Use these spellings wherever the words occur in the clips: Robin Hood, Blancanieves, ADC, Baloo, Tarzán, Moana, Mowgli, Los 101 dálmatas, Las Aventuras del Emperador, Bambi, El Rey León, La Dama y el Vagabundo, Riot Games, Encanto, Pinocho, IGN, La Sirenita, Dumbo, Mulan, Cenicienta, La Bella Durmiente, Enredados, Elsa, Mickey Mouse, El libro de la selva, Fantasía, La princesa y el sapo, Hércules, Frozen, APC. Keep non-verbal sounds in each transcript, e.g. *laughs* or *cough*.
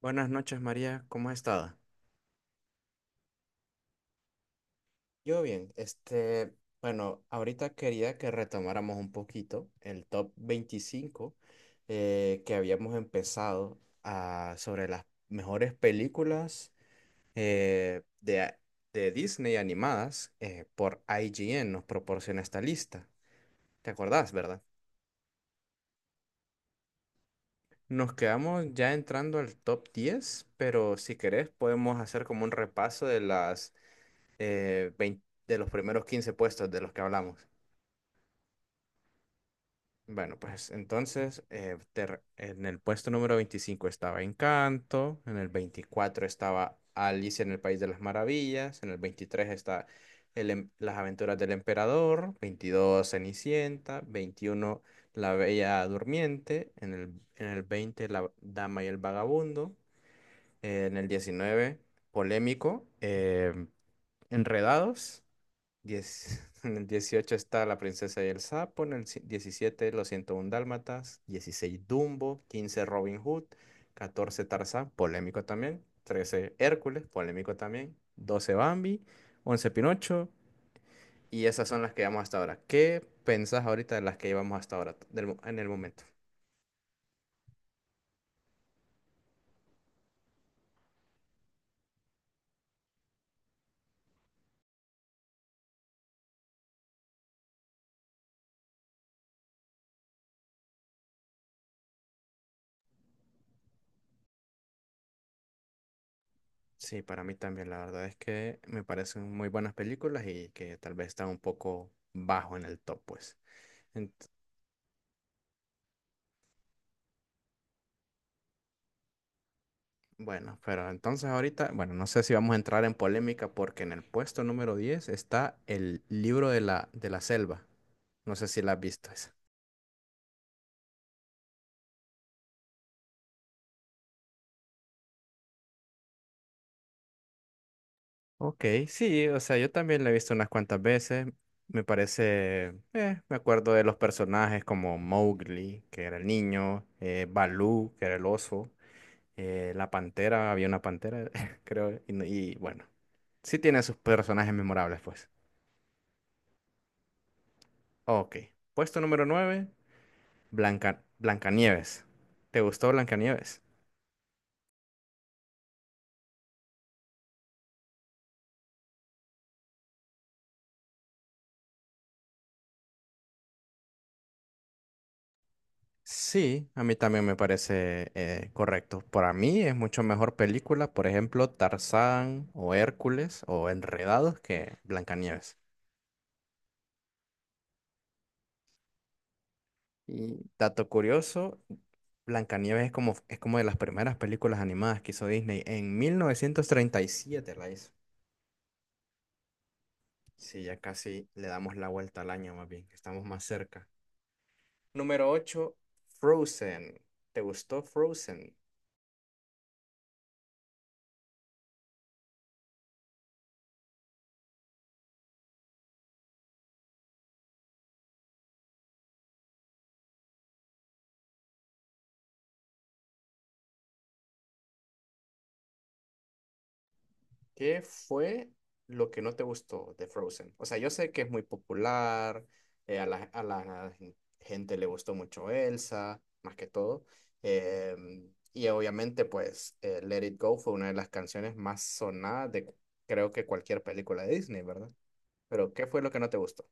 Buenas noches, María. ¿Cómo has estado? Yo bien, bueno, ahorita quería que retomáramos un poquito el top 25 que habíamos empezado sobre las mejores películas eh, de, a- de Disney animadas por IGN, nos proporciona esta lista. ¿Te acordás, verdad? Nos quedamos ya entrando al top 10, pero si querés podemos hacer como un repaso de las 20 de los primeros 15 puestos de los que hablamos. Bueno, pues entonces en el puesto número 25 estaba Encanto, en el 24 estaba Alicia en el País de las Maravillas, en el 23 está Las Aventuras del Emperador, 22 Cenicienta, 21 La Bella Durmiente, en el 20 La Dama y el Vagabundo, en el 19 Polémico, Enredados. *laughs* En el 18 está La princesa y el sapo, en el 17 Los 101 dálmatas, 16 Dumbo, 15 Robin Hood, 14 Tarzán, polémico también, 13 Hércules, polémico también, 12 Bambi, 11 Pinocho, y esas son las que llevamos hasta ahora. ¿Qué pensás ahorita de las que llevamos hasta ahora, en el momento? Sí, para mí también, la verdad es que me parecen muy buenas películas y que tal vez están un poco bajo en el top, pues. En- Bueno, pero entonces ahorita, bueno, no sé si vamos a entrar en polémica porque en el puesto número 10 está el libro de la selva. No sé si la has visto esa. Ok, sí, o sea, yo también la he visto unas cuantas veces. Me parece, me acuerdo de los personajes como Mowgli, que era el niño, Baloo, que era el oso, la pantera, había una pantera, *laughs* creo, y, y bueno, sí tiene sus personajes memorables, pues. Ok, puesto número 9. Blancanieves. ¿Te gustó Blancanieves? Sí, a mí también me parece correcto. Para mí es mucho mejor película, por ejemplo, Tarzán o Hércules o Enredados que Blancanieves. Y dato curioso, Blancanieves es como de las primeras películas animadas que hizo Disney. En 1937, la hizo. Sí, ya casi le damos la vuelta al año más bien, estamos más cerca. Número 8, Frozen. ¿Te gustó Frozen? ¿Qué fue lo que no te gustó de Frozen? O sea, yo sé que es muy popular, a la gente le gustó mucho Elsa, más que todo. eh, y obviamente, pues, Let It Go fue una de las canciones más sonadas de creo que cualquier película de Disney, ¿verdad? Pero, ¿qué fue lo que no te gustó?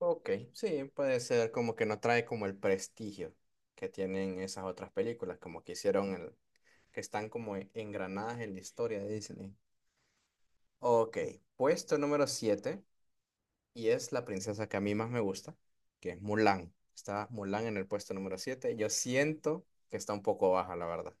Ok, sí, puede ser como que no trae como el prestigio que tienen esas otras películas, como que hicieron el, que están como engranadas en la historia de Disney. Ok, puesto número 7 y es la princesa que a mí más me gusta, que es Mulan. Está Mulan en el puesto número 7. Yo siento que está un poco baja, la verdad.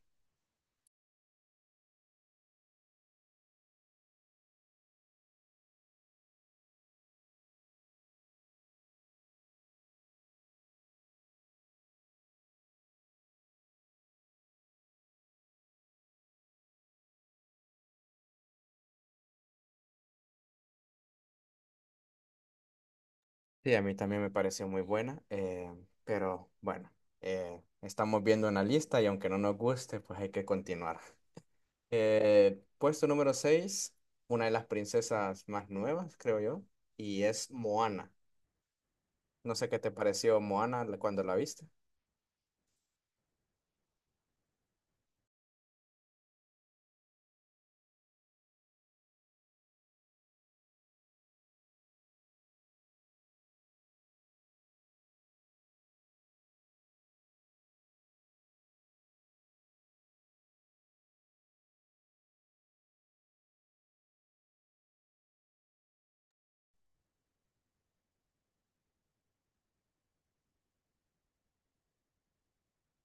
Sí, a mí también me pareció muy buena, pero bueno, estamos viendo una lista y aunque no nos guste, pues hay que continuar. *laughs* Puesto número 6, una de las princesas más nuevas, creo yo, y es Moana. No sé qué te pareció Moana cuando la viste.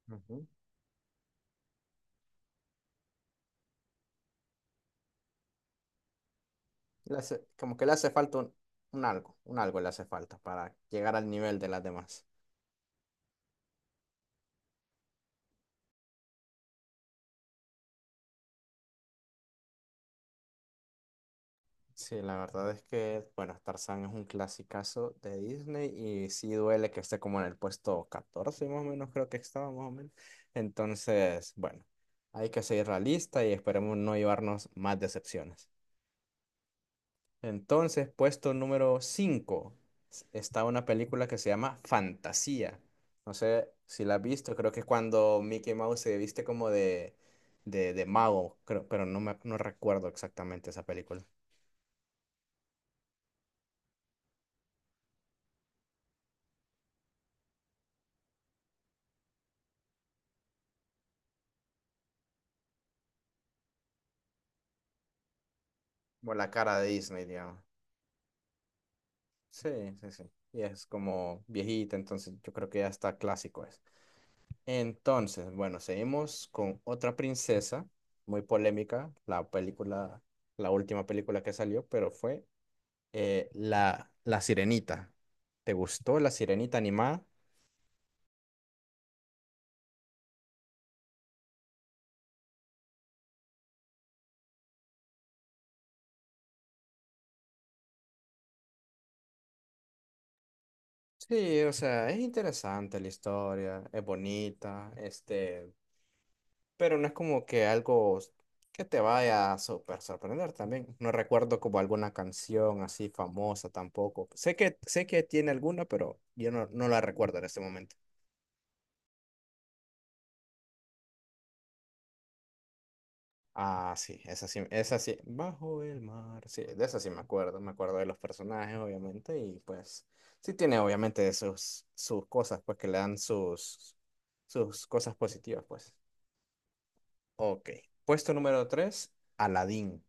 Ujú. Como que le hace falta un algo le hace falta para llegar al nivel de las demás. Sí, la verdad es que, bueno, Tarzán es un clasicazo de Disney y sí duele que esté como en el puesto 14 más o menos, creo que estaba más o menos. Entonces, bueno, hay que seguir la lista y esperemos no llevarnos más decepciones. Entonces, puesto número 5 está una película que se llama Fantasía. No sé si la has visto, creo que es cuando Mickey Mouse se viste como de mago, creo, pero no, no recuerdo exactamente esa película. Como la cara de Disney, digamos. Sí, sí, sí. Y es como viejita, entonces yo creo que ya está clásico es. Entonces, bueno, seguimos con otra princesa, muy polémica, la película, la última película que salió, pero fue la Sirenita. ¿Te gustó la Sirenita animada? Sí, o sea, es interesante la historia, es bonita, este, pero no es como que algo que te vaya a súper sorprender también. No recuerdo como alguna canción así famosa tampoco. Sé que tiene alguna, pero yo no, no la recuerdo en este momento. Ah, sí, esa sí, esa sí, bajo el mar, sí, de esa sí me acuerdo de los personajes, obviamente, y pues sí tiene obviamente sus cosas, pues que le dan sus cosas positivas, pues. Ok, puesto número 3 Aladdin.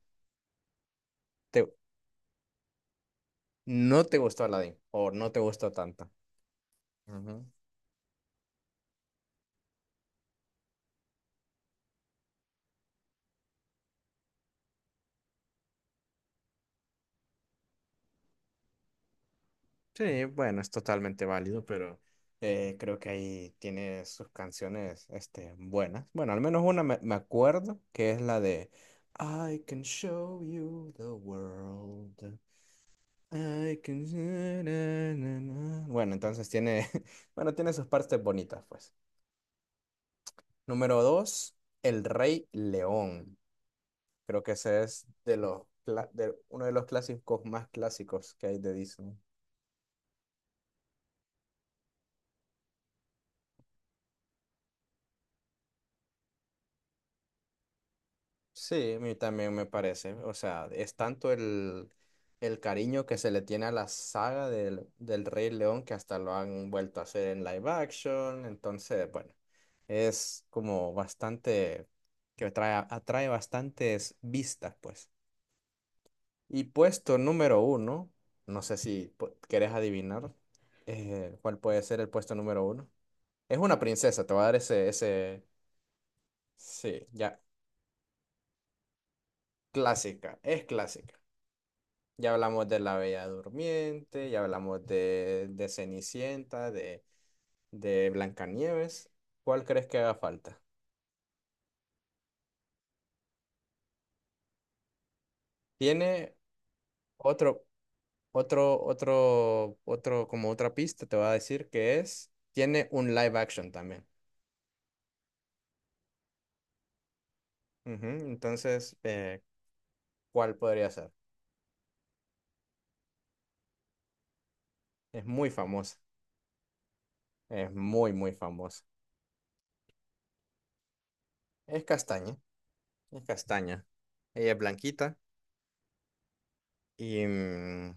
Te, ¿No te gustó Aladdin? ¿O no te gustó tanto? Ujú. Sí, bueno, es totalmente válido, pero creo que ahí tiene sus canciones este, buenas. Bueno, al menos una me acuerdo, que es la de I can show you the world. I can... na, na, na, na". Bueno, entonces tiene, *laughs* bueno, tiene sus partes bonitas, pues. Número dos, El Rey León. Creo que ese es de uno de los clásicos más clásicos que hay de Disney. Sí, a mí también me parece. O sea, es tanto el cariño que se le tiene a la saga del Rey León que hasta lo han vuelto a hacer en live action. Entonces, bueno, es como bastante, que atrae, atrae bastantes vistas, pues. Y puesto número uno, no sé si querés adivinar cuál puede ser el puesto número uno. Es una princesa, te voy a dar ese, sí, ya, clásica, es clásica. Ya hablamos de la Bella Durmiente, ya hablamos de Cenicienta, de Blancanieves. ¿Cuál crees que haga falta? Tiene otro, otro, como otra pista, te voy a decir que es, tiene un live action también. Ujú, entonces, ¿cuál podría ser? Es muy famosa, es muy, muy famosa. Es castaña, es castaña. Ella es blanquita y, mm,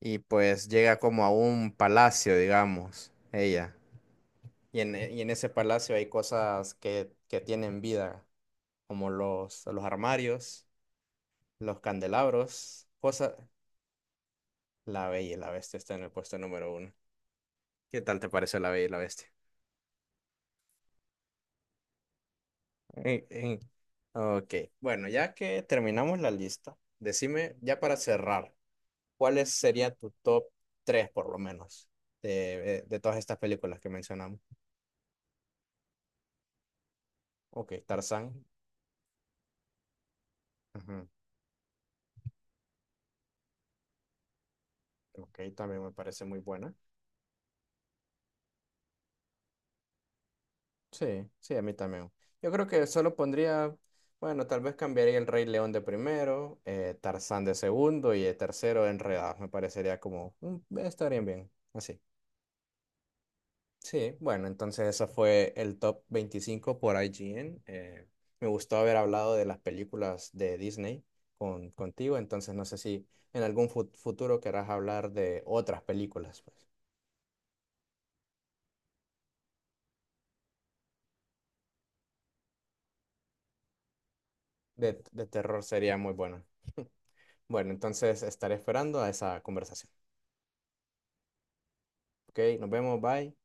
y pues llega como a un palacio, digamos, ella. Y en ese palacio hay cosas que tienen vida, como los armarios, los candelabros, cosas... La Bella y la Bestia está en el puesto número uno. ¿Qué tal te pareció La Bella y la Bestia? Eh, eh, Ok, bueno, ya que terminamos la lista, decime, ya para cerrar, ¿cuáles sería tu top 3 por lo menos de, de todas estas películas que mencionamos? Ok, Tarzán. Ujú. Ok, también me parece muy buena. Sí, sí, a mí también. Yo creo que solo pondría, bueno, tal vez cambiaría el Rey León de primero, Tarzán de segundo y el tercero Enredados. Me parecería como, estarían bien, así. Sí, bueno, entonces eso fue el top 25 por IGN. Me gustó haber hablado de las películas de Disney contigo, entonces no sé si en algún futuro querrás hablar de otras películas, pues. De terror sería muy bueno. Bueno, entonces estaré esperando a esa conversación. Ok, nos vemos, bye.